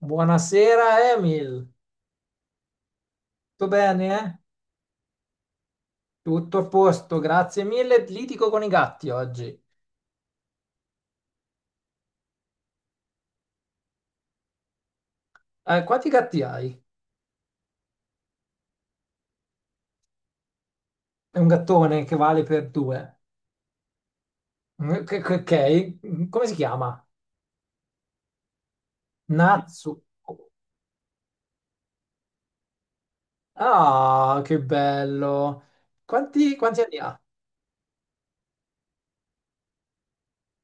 Buonasera Emil, tutto bene, eh? Tutto a posto, grazie mille. Litigo con i gatti oggi. Quanti gatti hai? È un gattone che vale per due. Ok. Come si chiama? Natsu. Ah, che bello. Quanti anni ha?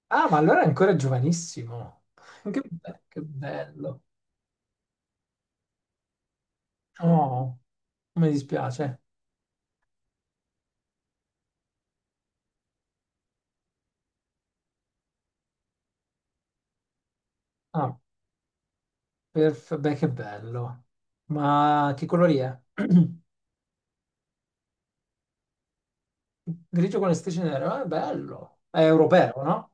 Ah, ma allora è ancora giovanissimo. Che bello. Oh, mi dispiace. Ah, Beh, che bello. Ma che colori è? Grigio con le strisce nere, ma è bello. È europeo, no?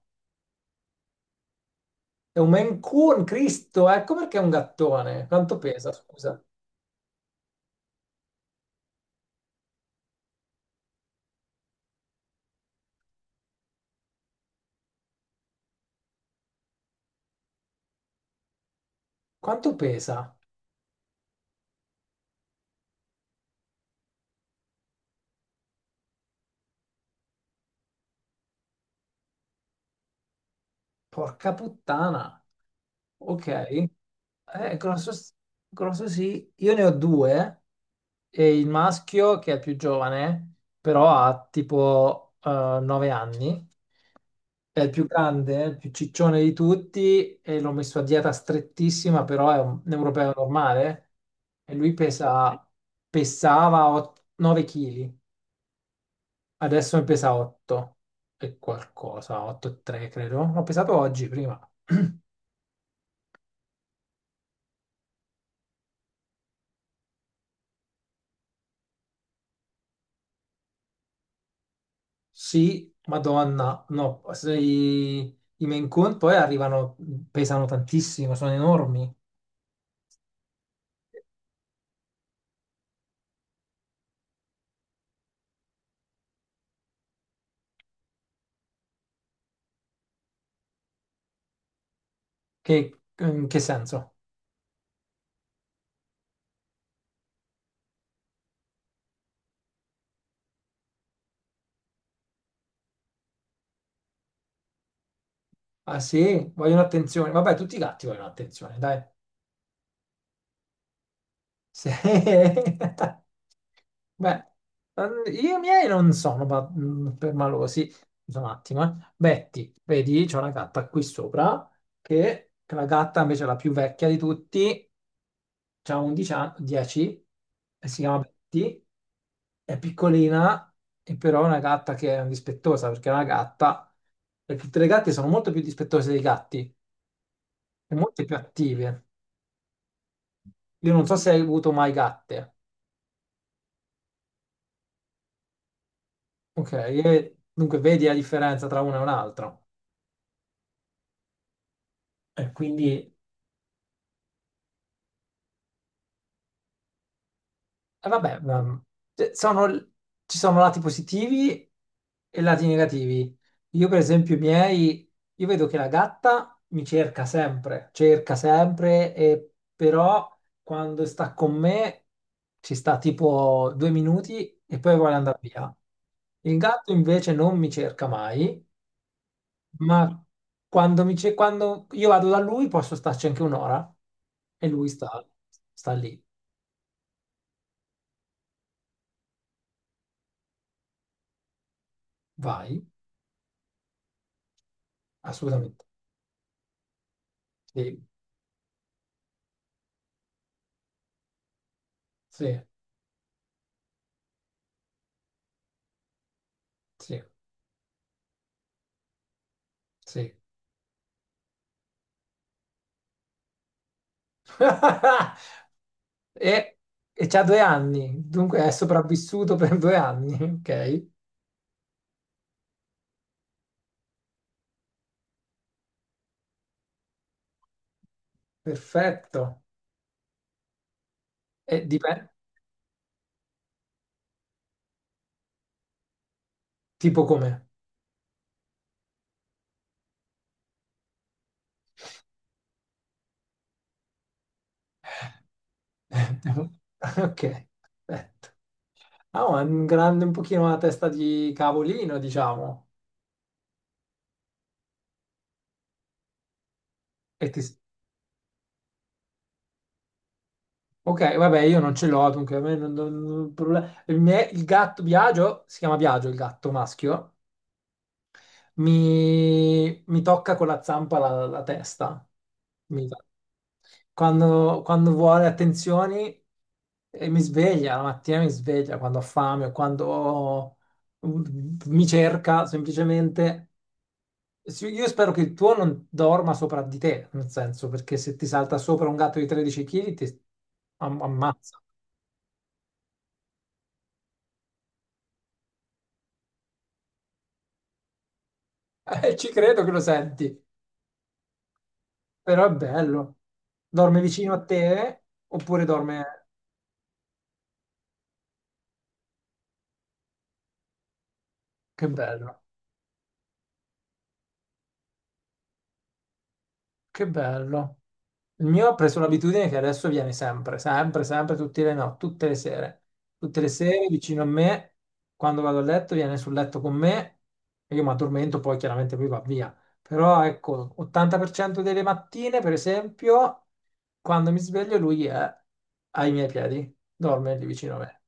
È un Maine Coon, Cristo, ecco perché è un gattone. Quanto pesa, scusa? Quanto pesa? Porca puttana. Ok, grosso, grosso sì. Io ne ho due e il maschio che è più giovane, però ha tipo 9 anni, è il più grande, il più ciccione di tutti e l'ho messo a dieta strettissima, però è un europeo normale e lui pesa, pesava 9 chili, adesso ne pesa 8 e qualcosa, 8,3 credo. L'ho pesato oggi prima. Sì, Madonna. No, se i, i Maine Coon poi arrivano, pesano tantissimo, sono enormi. Che, in che senso? Ah sì, vogliono attenzione. Vabbè, tutti i gatti vogliono attenzione, dai. Sì. Beh, io i miei non sono permalosi. Scusa un attimo, eh. Betty, vedi, c'è una gatta qui sopra, che la gatta invece è la più vecchia di tutti, ha 11 anni, 10, e si chiama Betty, è piccolina, e però è una gatta che è dispettosa, perché è una gatta, e tutte le gatte sono molto più dispettose dei gatti, e molto più attive. Io non so se hai avuto mai gatte. Ok, e dunque vedi la differenza tra una e un'altra. E quindi, e vabbè, cioè, ci sono lati positivi e lati negativi. Io, per esempio, i miei, io vedo che la gatta mi cerca sempre, e però quando sta con me ci sta tipo due minuti e poi vuole andare via. Il gatto invece non mi cerca mai. Ma quando io vado da lui posso starci anche un'ora e lui sta, sta lì. Vai, assolutamente. Sì, sì, sì, sì. E, e c'ha due anni, dunque è sopravvissuto per due anni. Ok, perfetto. E dipende, tipo come? Ok, perfetto. Ah, ma è un grande, un pochino una testa di cavolino, diciamo. E ti, ok, vabbè, io non ce l'ho, dunque a me problema. Il gatto Biagio, si chiama Biagio il gatto maschio, mi tocca con la zampa la testa. Mi- Quando vuole attenzioni e mi sveglia, la mattina mi sveglia quando ho fame o mi cerca semplicemente. Sì, io spero che il tuo non dorma sopra di te, nel senso, perché se ti salta sopra un gatto di 13 chili ti ammazza. Ci credo che lo senti, però è bello. Dorme vicino a te oppure dorme... Che bello, che bello. Il mio ha preso l'abitudine che adesso viene sempre, sempre, sempre, tutte le no, tutte le sere. Tutte le sere vicino a me, quando vado a letto, viene sul letto con me e io mi addormento, poi chiaramente lui va via. Però ecco, 80% delle mattine, per esempio, quando mi sveglio lui è ai miei piedi, dorme lì vicino a me.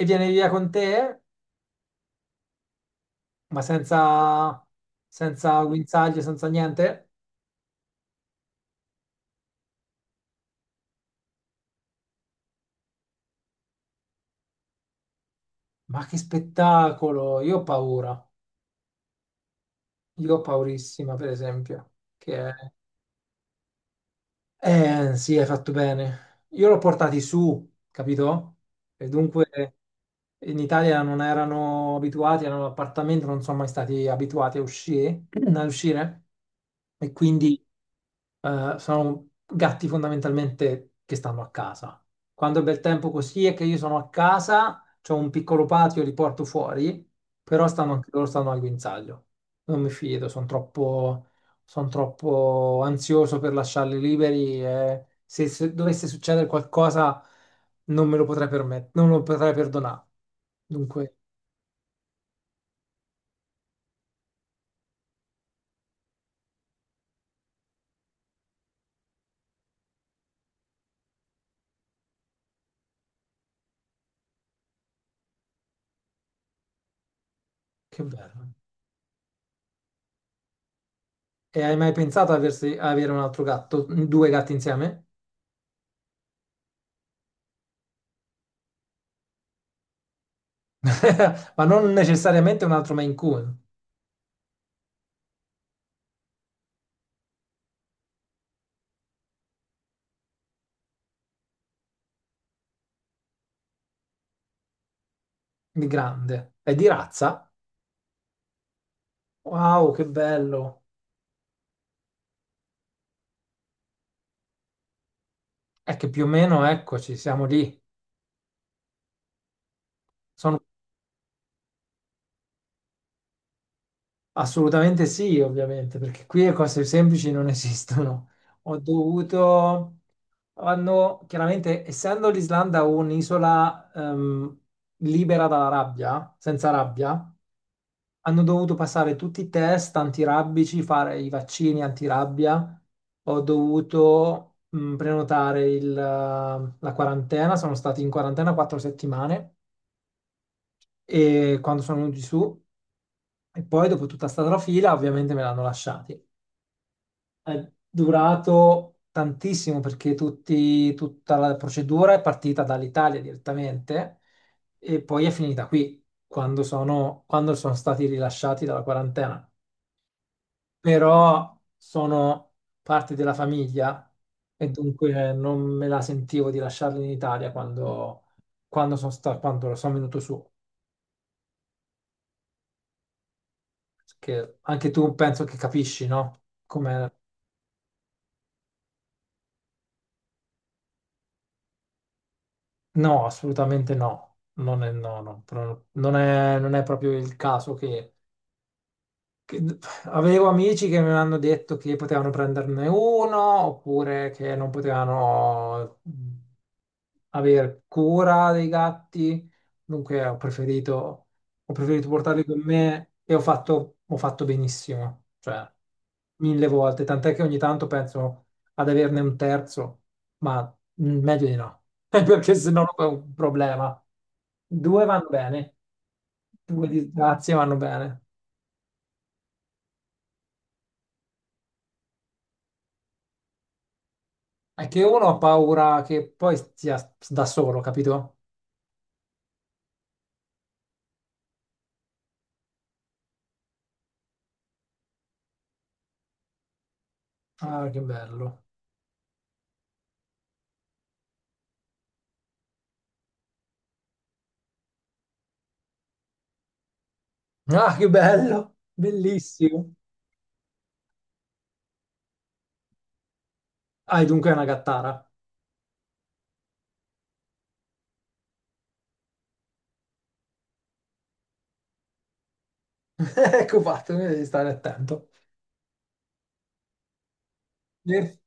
E viene via con te? Ma senza guinzaglie, senza niente? Ma che spettacolo! Io ho paura. Io ho paurissima, per esempio. Che è... sì, hai fatto bene. Io l'ho portati su, capito? E dunque in Italia non erano abituati, erano all'appartamento, non sono mai stati abituati a uscire, a uscire. E quindi sono gatti fondamentalmente che stanno a casa. Quando è bel tempo così è che io sono a casa, c'ho un piccolo patio, li porto fuori, però stanno anche loro stanno al guinzaglio. Non mi fido, sono troppo, son troppo ansioso per lasciarli liberi e se, se dovesse succedere qualcosa non me lo potrei permettere, non lo potrei perdonare. Dunque, che bello. E hai mai pensato a avere un altro gatto, due gatti insieme? Ma non necessariamente un altro Maine Coon di grande. È di razza? Wow, che bello! È che più o meno, eccoci, siamo lì. Sono assolutamente sì, ovviamente, perché qui le cose semplici non esistono. Ho dovuto... Hanno, chiaramente, essendo l'Islanda un'isola libera dalla rabbia, senza rabbia, hanno dovuto passare tutti i test antirabbici, fare i vaccini antirabbia. Ho dovuto prenotare la quarantena, sono stati in quarantena 4 settimane e quando sono venuti su, e poi dopo tutta sta trafila, ovviamente me l'hanno lasciati. È durato tantissimo perché tutta la procedura è partita dall'Italia direttamente e poi è finita qui quando sono stati rilasciati dalla quarantena. Però sono parte della famiglia e dunque non me la sentivo di lasciarli in Italia quando sono venuto su. Perché anche tu penso che capisci, no? Come... No, assolutamente no. Non è, non è proprio il caso che. Avevo amici che mi hanno detto che potevano prenderne uno oppure che non potevano avere cura dei gatti, dunque ho preferito portarli con me e ho fatto benissimo, cioè mille volte, tant'è che ogni tanto penso ad averne un terzo, ma meglio di no, perché se no è un problema. Due vanno bene, due disgrazie vanno bene. È che uno ha paura che poi sia da solo, capito? Ah, che bello. Ah, che bello. Bellissimo. Ah, e dunque è una gattara. Ecco fatto, quindi devi stare attento. Sì.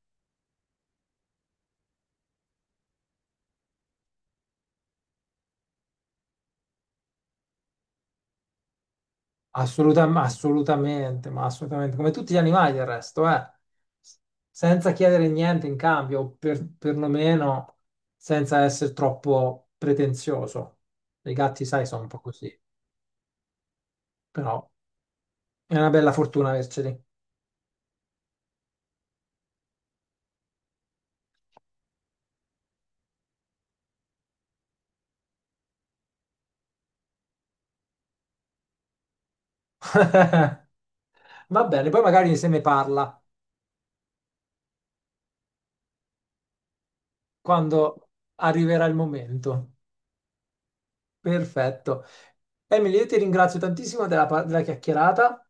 Ma assolutamente, ma assolutamente. Come tutti gli animali del resto, eh. Senza chiedere niente in cambio, perlomeno senza essere troppo pretenzioso. I gatti, sai, sono un po' così. Però è una bella fortuna averceli. Va bene, poi magari se ne parla quando arriverà il momento. Perfetto. Emily, io ti ringrazio tantissimo della chiacchierata. È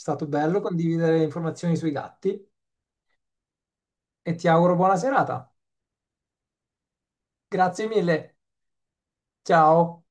stato bello condividere informazioni sui gatti e ti auguro buona serata. Grazie mille. Ciao.